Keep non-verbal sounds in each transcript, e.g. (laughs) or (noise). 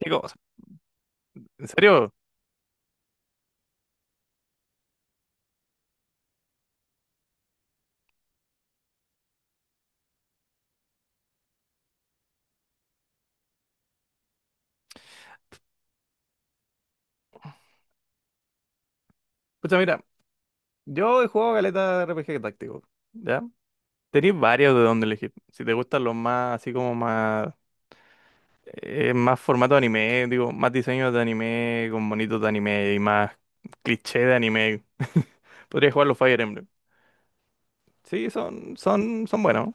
Digo, en serio, pucha, mira, yo he jugado caleta de RPG táctico, ¿ya? Tenéis varios de donde elegir. Si te gustan los más, así como más, más formato de anime, digo, más diseños de anime, con bonitos de anime y más cliché de anime, (laughs) podrías jugar los Fire Emblem. Sí, son buenos.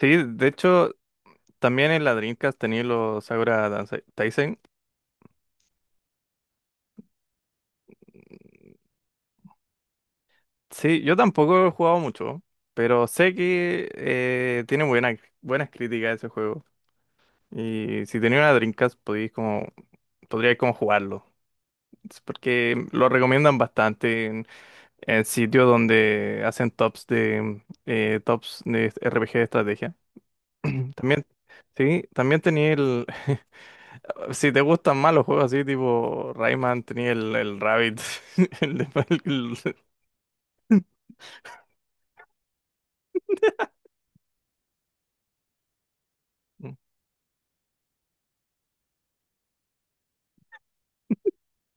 Sí, de hecho, también en la Dreamcast tenía los Sakura Taisen. Sí, yo tampoco he jugado mucho, pero sé que tiene buenas críticas ese juego. Y si tenía una Dreamcast, podríais como jugarlo. Es porque lo recomiendan bastante en sitios donde hacen tops de RPG de estrategia. (clears throat) También, sí, también tenía el. (laughs) Si te gustan más los juegos así, tipo Rayman, tenía el Rabbit. (laughs) el de- el-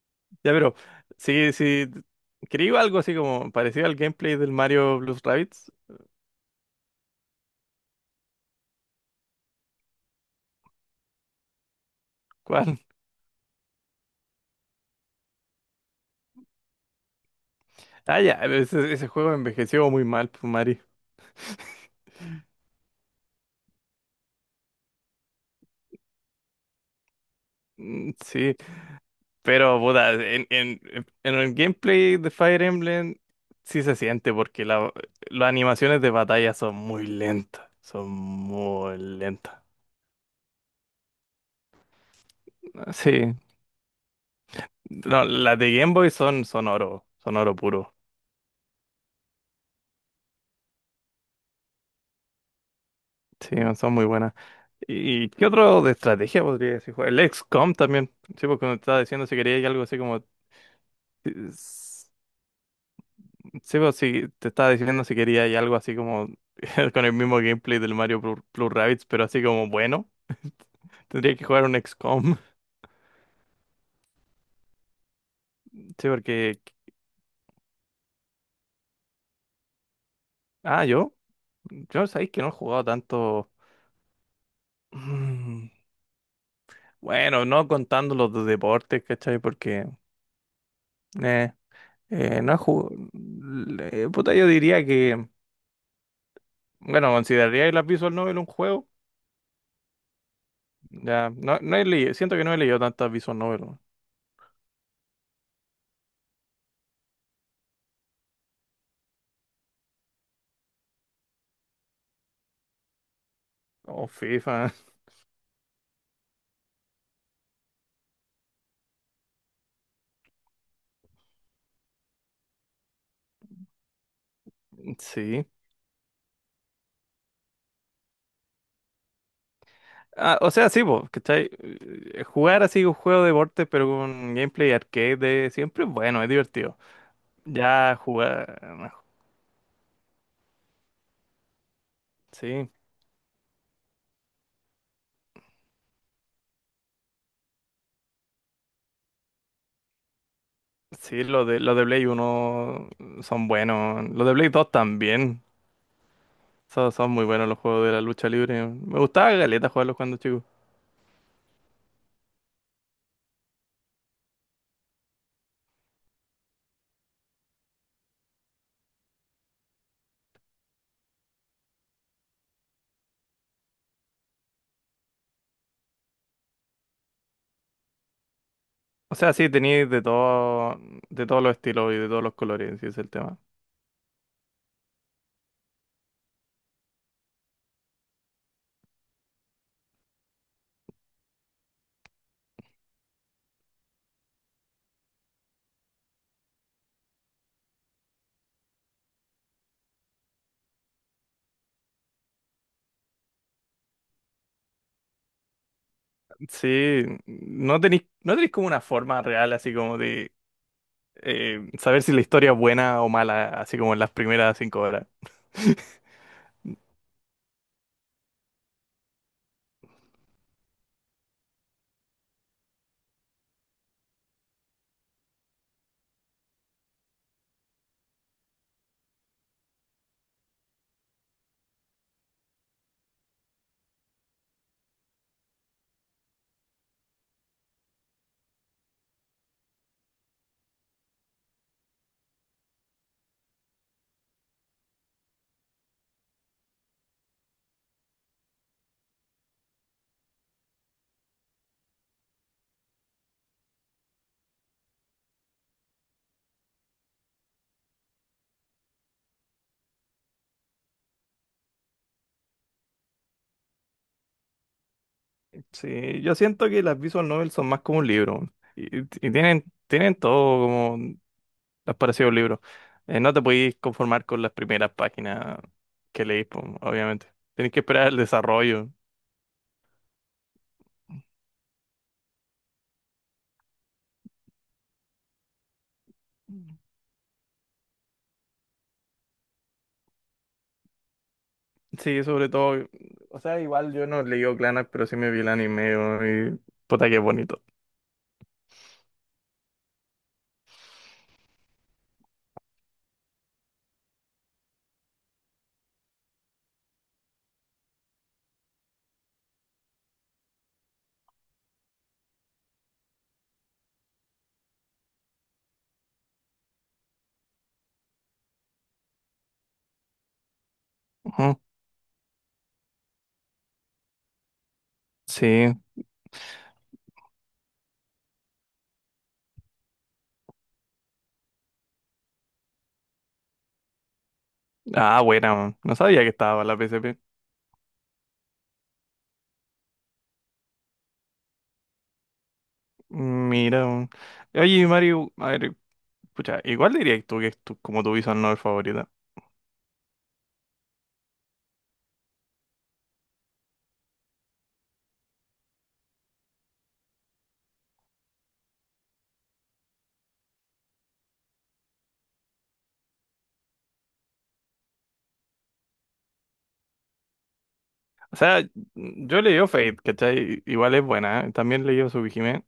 (laughs) Ya, pero, sí, sí. Quería algo así como parecido al gameplay del Mario Blues Rabbids. ¿Cuál? Ah, ya, ese juego envejeció muy mal, pues, Mario. Mm, sí, pero puta, en el gameplay de Fire Emblem sí se siente porque las animaciones de batalla son muy lentas, son muy lentas. Ah, sí, no, las de Game Boy son oro puro. Sí, son muy buenas. ¿Y qué otro de estrategia podría decir? El XCOM también, sí, porque me estaba diciendo si quería algo así como... Sí, pues sí, te estaba diciendo si quería y algo así como (laughs) con el mismo gameplay del Mario Plus Rabbids, pero así como bueno, tendría que jugar un XCOM. (laughs) Sí, porque... Ah, yo sabéis que no he jugado tanto... Mm, bueno, no contando los de deportes, ¿cachai? Porque... Eh, no he jugado... Puta, yo diría que... Bueno, consideraría las Visual Novel un juego. Ya, no he leído, siento que no he leído tantas Visual Novel. O FIFA, (laughs) sí. Ah, o sea, sí, po, ¿cachai? Jugar así un juego de deporte, pero con gameplay arcade de siempre bueno, es divertido. Ya jugar. No, sí, sí, los de Play uno son buenos. Los de Play 2 también. Son muy buenos los juegos de la lucha libre. Me gustaba galeta jugarlos cuando chico. O sea, sí, teníais de todo, de todos los estilos y de todos los colores, sí, ese es el tema. Sí, no tenéis como una forma real así como de saber si la historia es buena o mala, así como en las primeras 5 horas. (laughs) Sí, yo siento que las visual novels son más como un libro. Y tienen todo como las parecido a un libro. No te podéis conformar con las primeras páginas que leís, po, obviamente. Tenés que esperar el desarrollo. Sí, sobre todo. O sea, igual yo no leí Clannad, pero sí me vi el anime weón, y puta que bonito. Ujú. Sí. Ah, buena, weón. No sabía que estaba la PSP. Mira, oye Mario, a ver, pucha, igual diría tú que es como tu visual novel favorita. O sea, yo leí Fate, ¿cachai? Igual es buena, ¿eh? También leí Tsukihime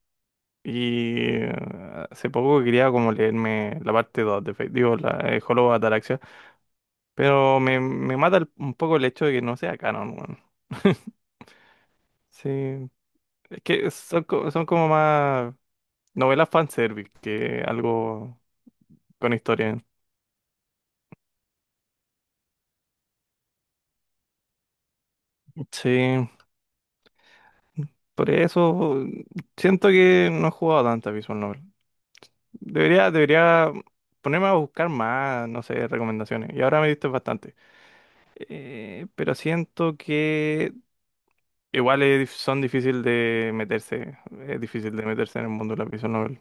y eh, hace poco quería como leerme la parte 2 de Fate, digo, la Hollow Ataraxia, pero me mata un poco el hecho de que no sea canon, weón. (laughs) Sí, es que son como más novelas fanservice que algo con historia. Sí. Por eso siento que no he jugado tantas Visual Novel. Debería ponerme a buscar más, no sé, recomendaciones. Y ahora me diste bastante. Pero siento que igual es son difíciles de meterse. Es difícil de meterse en el mundo de las Visual Novel.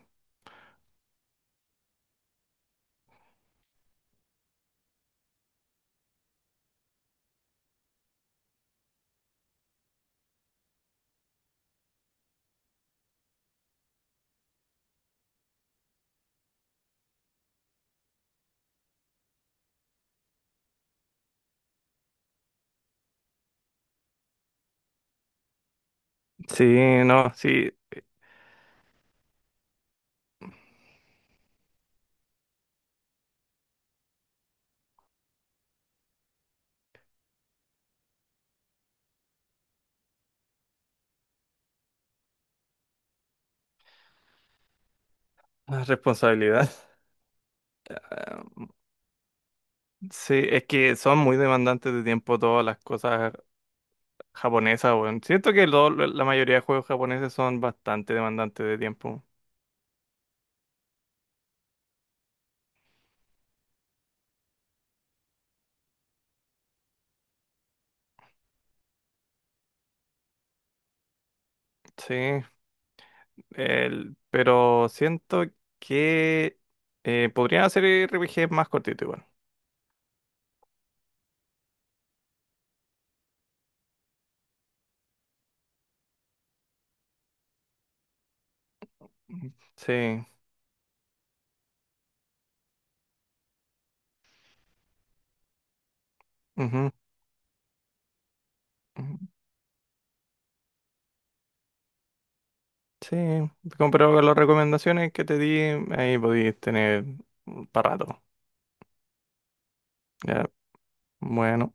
Sí, no, sí. Más responsabilidad. (laughs) Sí, es que son muy demandantes de tiempo todas las cosas japonesas, weón. Siento que la mayoría de juegos japoneses son bastante demandantes de tiempo. Sí. Pero siento que podrían hacer RPGs más cortitos igual. Mm, sí. Ujú, ujú. Sí. Pero con las recomendaciones que te di, ahí podéis tener para rato. Ya. Bueno.